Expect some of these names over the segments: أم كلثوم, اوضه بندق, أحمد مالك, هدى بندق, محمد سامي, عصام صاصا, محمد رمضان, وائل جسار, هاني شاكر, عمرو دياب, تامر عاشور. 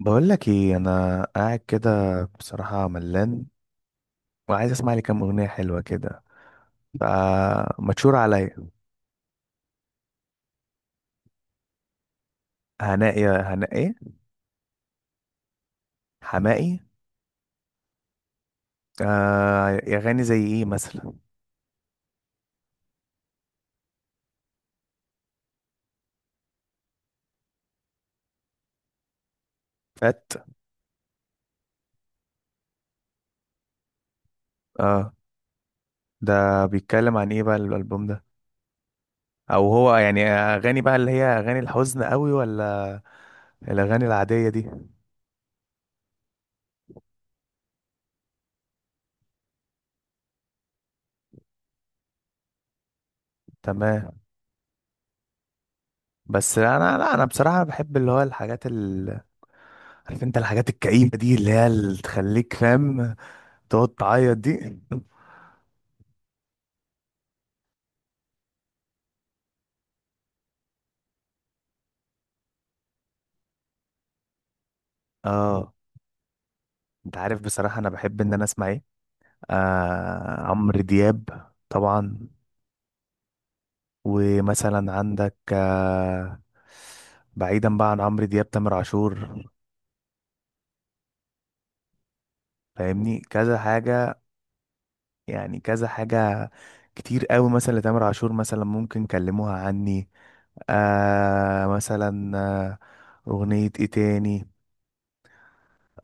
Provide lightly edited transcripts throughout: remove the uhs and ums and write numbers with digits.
بقول لك ايه، انا قاعد كده. بصراحه ملان، وعايز اسمع لي كام اغنيه حلوه كده، فمتشور عليا. هناء يا هناء ايه؟ حماقي. آه يا غني، زي ايه مثلا؟ فات. اه، ده بيتكلم عن ايه بقى الالبوم ده؟ او هو يعني اغاني بقى اللي هي اغاني الحزن قوي، ولا الاغاني العاديه دي؟ تمام. بس انا لا انا بصراحه بحب اللي هو الحاجات عارف انت الحاجات الكئيبه دي، اللي هي اللي تخليك فاهم، تقعد تعيط دي. اه، انت عارف بصراحة انا بحب ان انا اسمع ايه؟ آه، عمرو دياب طبعا. ومثلا عندك بعيدا بقى عن عمرو دياب، تامر عاشور. فاهمني، كذا حاجة، يعني كذا حاجة كتير قوي مثلا لتامر عاشور. مثلا ممكن كلموها عني، آه مثلا آه، اغنية ايه تاني؟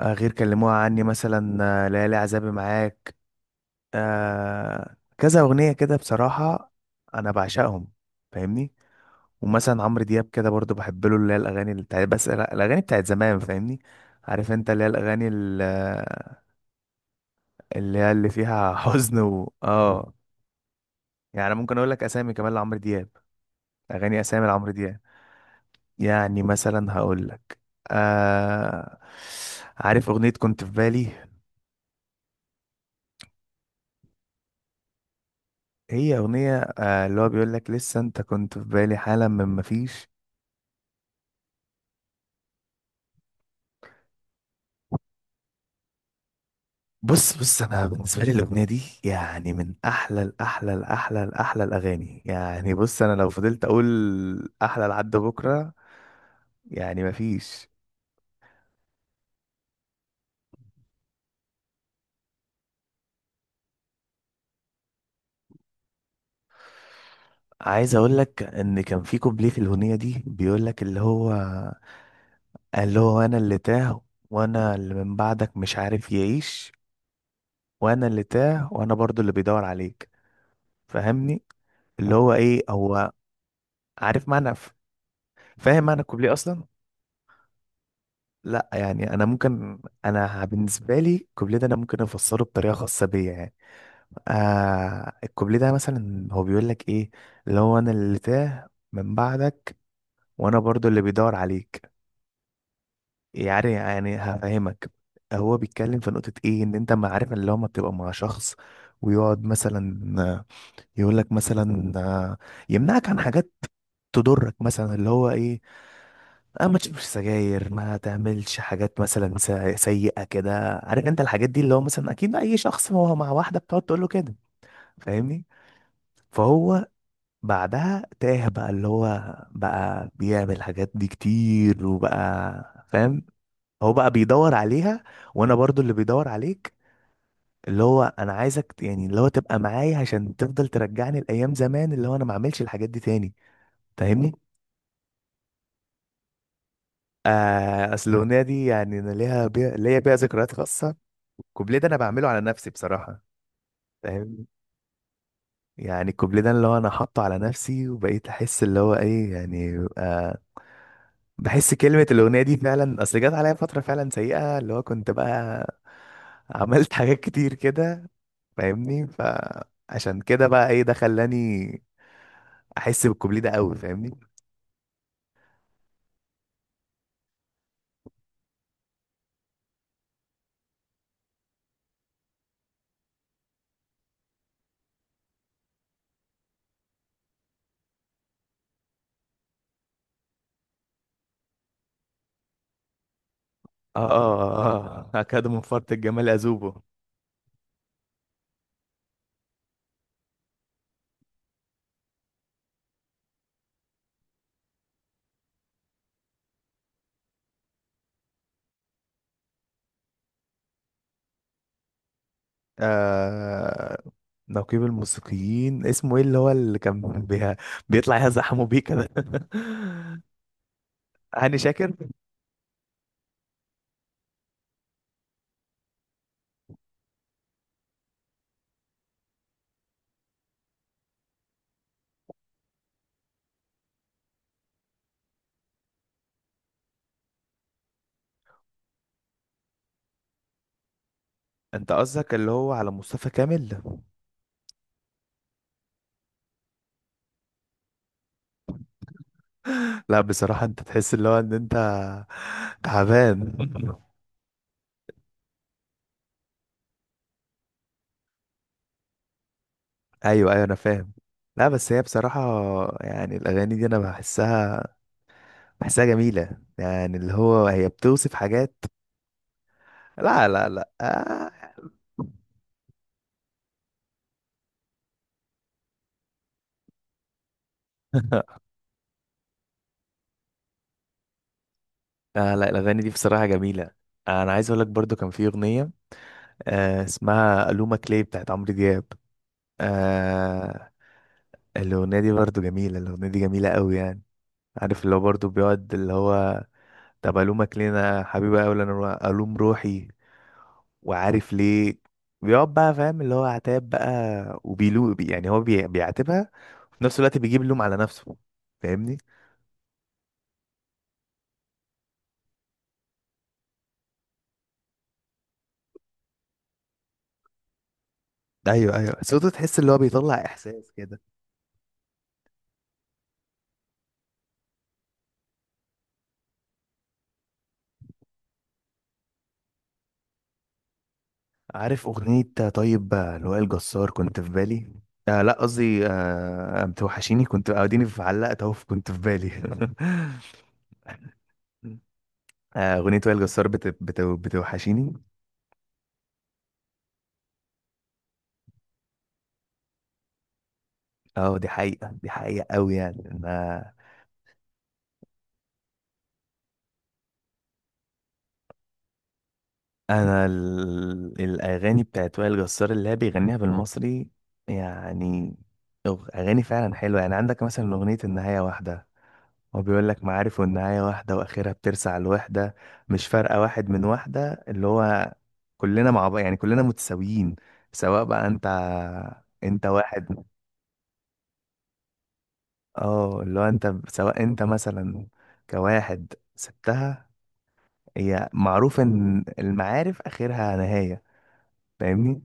غير كلموها عني مثلا، ليالي عذابي معاك، كذا أغنية كده بصراحة. أنا بعشقهم، فاهمني. ومثلا عمرو دياب كده برضو بحب له اللي هي الأغاني اللي بتاعت، بس الأغاني بتاعت زمان، فاهمني. عارف أنت اللي هي الأغاني اللي هي اللي فيها حزن و. يعني ممكن أقول لك أسامي كمان لعمرو دياب، أغاني أسامي لعمرو دياب. يعني مثلا هقول لك، آه عارف أغنية كنت في بالي؟ هي أغنية، اللي هو بيقول لك لسه أنت كنت في بالي حالا من مفيش. بص انا بالنسبه لي الاغنيه دي يعني من احلى الاحلى الاحلى الاحلى الاغاني، يعني بص انا لو فضلت اقول احلى لحد بكره يعني مفيش. عايز اقول لك ان كان في كوبليه في الاغنيه دي بيقول لك اللي هو، اللي هو انا اللي تاه، وانا اللي من بعدك مش عارف يعيش، وانا اللي تاه وانا برضو اللي بيدور عليك، فاهمني؟ اللي هو ايه هو؟ عارف معنى، فاهم معنى الكوبليه اصلا؟ لا يعني انا ممكن، انا بالنسبه لي الكوبليه ده انا ممكن افسره بطريقه خاصه بيا يعني. الكوبليه ده مثلا هو بيقول لك ايه؟ اللي هو انا اللي تاه من بعدك، وانا برضو اللي بيدور عليك. يعني هفهمك. هو بيتكلم في نقطه ايه، ان انت ما عارف اللي هو ما بتبقى مع شخص ويقعد مثلا يقول لك مثلا، يمنعك عن حاجات تضرك، مثلا اللي هو ايه؟ اه، ما تشربش سجاير، ما تعملش حاجات مثلا سيئة كده، عارف انت الحاجات دي، اللي هو مثلا اكيد اي شخص ما هو مع واحدة بتقعد تقول له كده، فاهمني. فهو بعدها تاه، بقى اللي هو بقى بيعمل الحاجات دي كتير وبقى فاهم، هو بقى بيدور عليها. وانا برضو اللي بيدور عليك، اللي هو انا عايزك يعني اللي هو تبقى معايا عشان تفضل ترجعني لايام زمان، اللي هو انا ما اعملش الحاجات دي تاني، فاهمني. اصل الاغنيه دي يعني انا ليها بيها ليا بيها ذكريات خاصه. الكوبليه ده انا بعمله على نفسي بصراحه، فاهم. يعني الكوبليه ده اللي هو انا حاطه على نفسي وبقيت احس اللي هو ايه يعني، بحس كلمه الاغنيه دي فعلا، اصل جت عليا فتره فعلا سيئه، اللي هو كنت بقى عملت حاجات كتير كده، فاهمني. فعشان كده بقى ايه، ده خلاني احس بالكوبليه ده قوي، فاهمني. اه، اه، اه، آه. هكذا من فرط الجمال اذوبه. آه... نقيب الموسيقيين اسمه ايه، اللي هو اللي كان بيطلع يزحموا بيه كده؟ هاني شاكر؟ انت قصدك اللي هو على مصطفى كامل؟ لا بصراحة انت تحس اللي هو ان انت تعبان. ايوه، ايوه، انا فاهم. لا بس هي بصراحة، يعني الاغاني دي انا بحسها، بحسها جميلة، يعني اللي هو هي بتوصف حاجات. لا، لا، لا. آه. لا، الاغاني دي بصراحة جميلة. انا عايز اقول لك برضو كان في اغنية، اسمها ألومة كلي بتاعت عمرو دياب. آه الأغنية دي برضو جميلة، الأغنية دي جميلة قوي يعني. عارف اللي هو برضو بيقعد اللي هو، طب ألومك ليه أنا حبيبي أوي؟ أنا ألوم روحي، وعارف ليه؟ بيقعد بقى فاهم اللي هو عتاب بقى، يعني هو بيعاتبها، وفي نفس الوقت بيجيب اللوم على نفسه، فاهمني؟ أيوه، أيوه، صوته تحس اللي هو بيطلع إحساس كده. عارف أغنية؟ طيب، لوائل جسار كنت في بالي. لا قصدي بتوحشيني. كنت اديني في علقت اهو كنت في بالي. أغنية وائل جسار بتوحشيني. اه، دي حقيقة، دي حقيقة قوي يعني. انا، الاغاني بتاعت وائل جسار اللي هي بيغنيها بالمصري يعني، اغاني فعلا حلوة. يعني عندك مثلا أغنية النهاية واحدة، هو بيقول لك معارف والنهاية واحدة وآخرها بترسع الوحدة، مش فارقة واحد من واحدة، اللي هو كلنا مع بعض، يعني كلنا متساويين. سواء بقى انت، انت واحد. اه اللي هو انت سواء انت مثلا كواحد سبتها، هي معروف ان المعارف آخرها نهاية، فاهمني.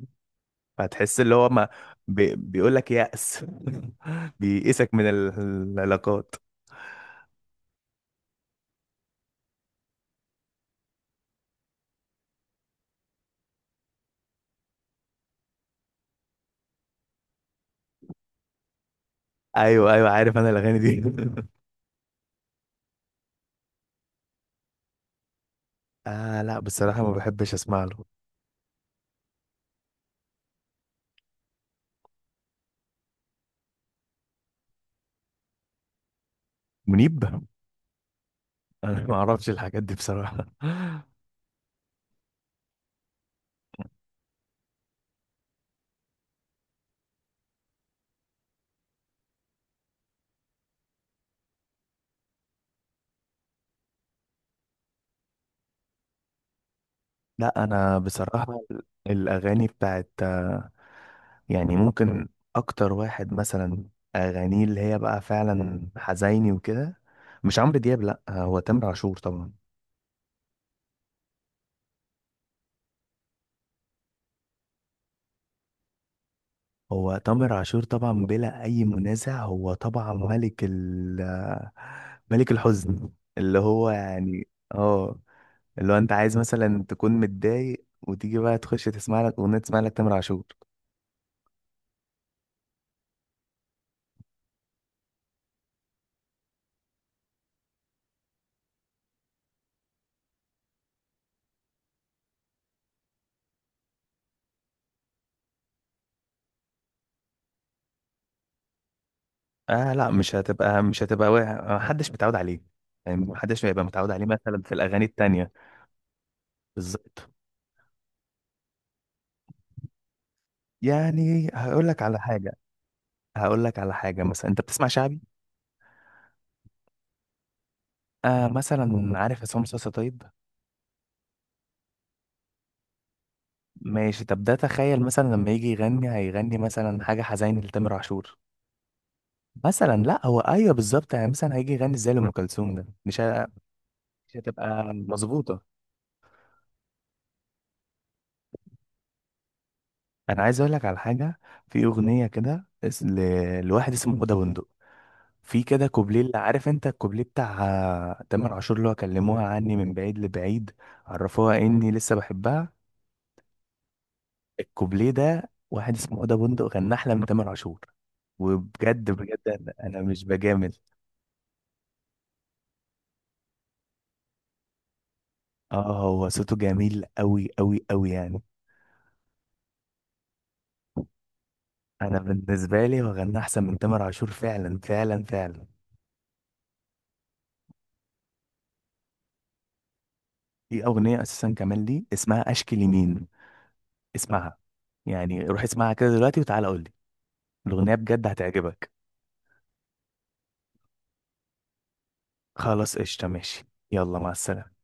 فتحس اللي هو ما بيقول لك يأس، بيئسك من العلاقات. ايوه، ايوه، عارف انا الاغاني دي. لا بصراحة ما بحبش اسمع له. منيب؟ انا ما اعرفش الحاجات دي بصراحه. لا انا بصراحه، الاغاني بتاعت يعني ممكن اكتر واحد مثلا اغانيه اللي هي بقى فعلا حزيني وكده، مش عمرو دياب، لا هو تامر عاشور طبعا. هو تامر عاشور طبعا بلا اي منازع، هو طبعا ملك ملك الحزن. اللي هو يعني، اه اللي هو انت عايز مثلا تكون متضايق، وتيجي بقى تخش تسمع لك اغنيه، تسمع لك تامر عاشور. لا مش هتبقى محدش متعود عليه. يعني محدش هيبقى متعود عليه مثلا في الأغاني التانية. بالظبط. يعني هقول لك على حاجة، هقول لك على حاجة. مثلا أنت بتسمع شعبي؟ مثلا عارف عصام صاصا؟ طيب ماشي، طب ده تخيل مثلا لما يجي يغني، هيغني مثلا حاجة حزين لتامر عاشور؟ مثلا لا هو أيوه بالظبط، يعني مثلا هيجي يغني زي لأم كلثوم، ده مش هتبقى مظبوطة. أنا عايز أقول لك على حاجة. في أغنية كده لواحد اسمه هدى بندق، في كده كوبليه، اللي عارف انت الكوبليه بتاع تامر عاشور، اللي هو كلموها عني من بعيد لبعيد، عرفوها اني لسه بحبها. الكوبليه ده واحد اسمه اوضه بندق غنى احلى من تامر عاشور، وبجد بجد أنا مش بجامل. اه هو صوته جميل قوي قوي قوي يعني. انا بالنسبه لي هو غنى احسن من تامر عاشور فعلا فعلا فعلا. في اغنيه اساسا كمان لي اسمها اشكي لمين، اسمعها. يعني روح اسمعها كده دلوقتي وتعالى قول لي، الاغنيه بجد هتعجبك. خلاص قشطة، ماشي. يلا، مع السلامة.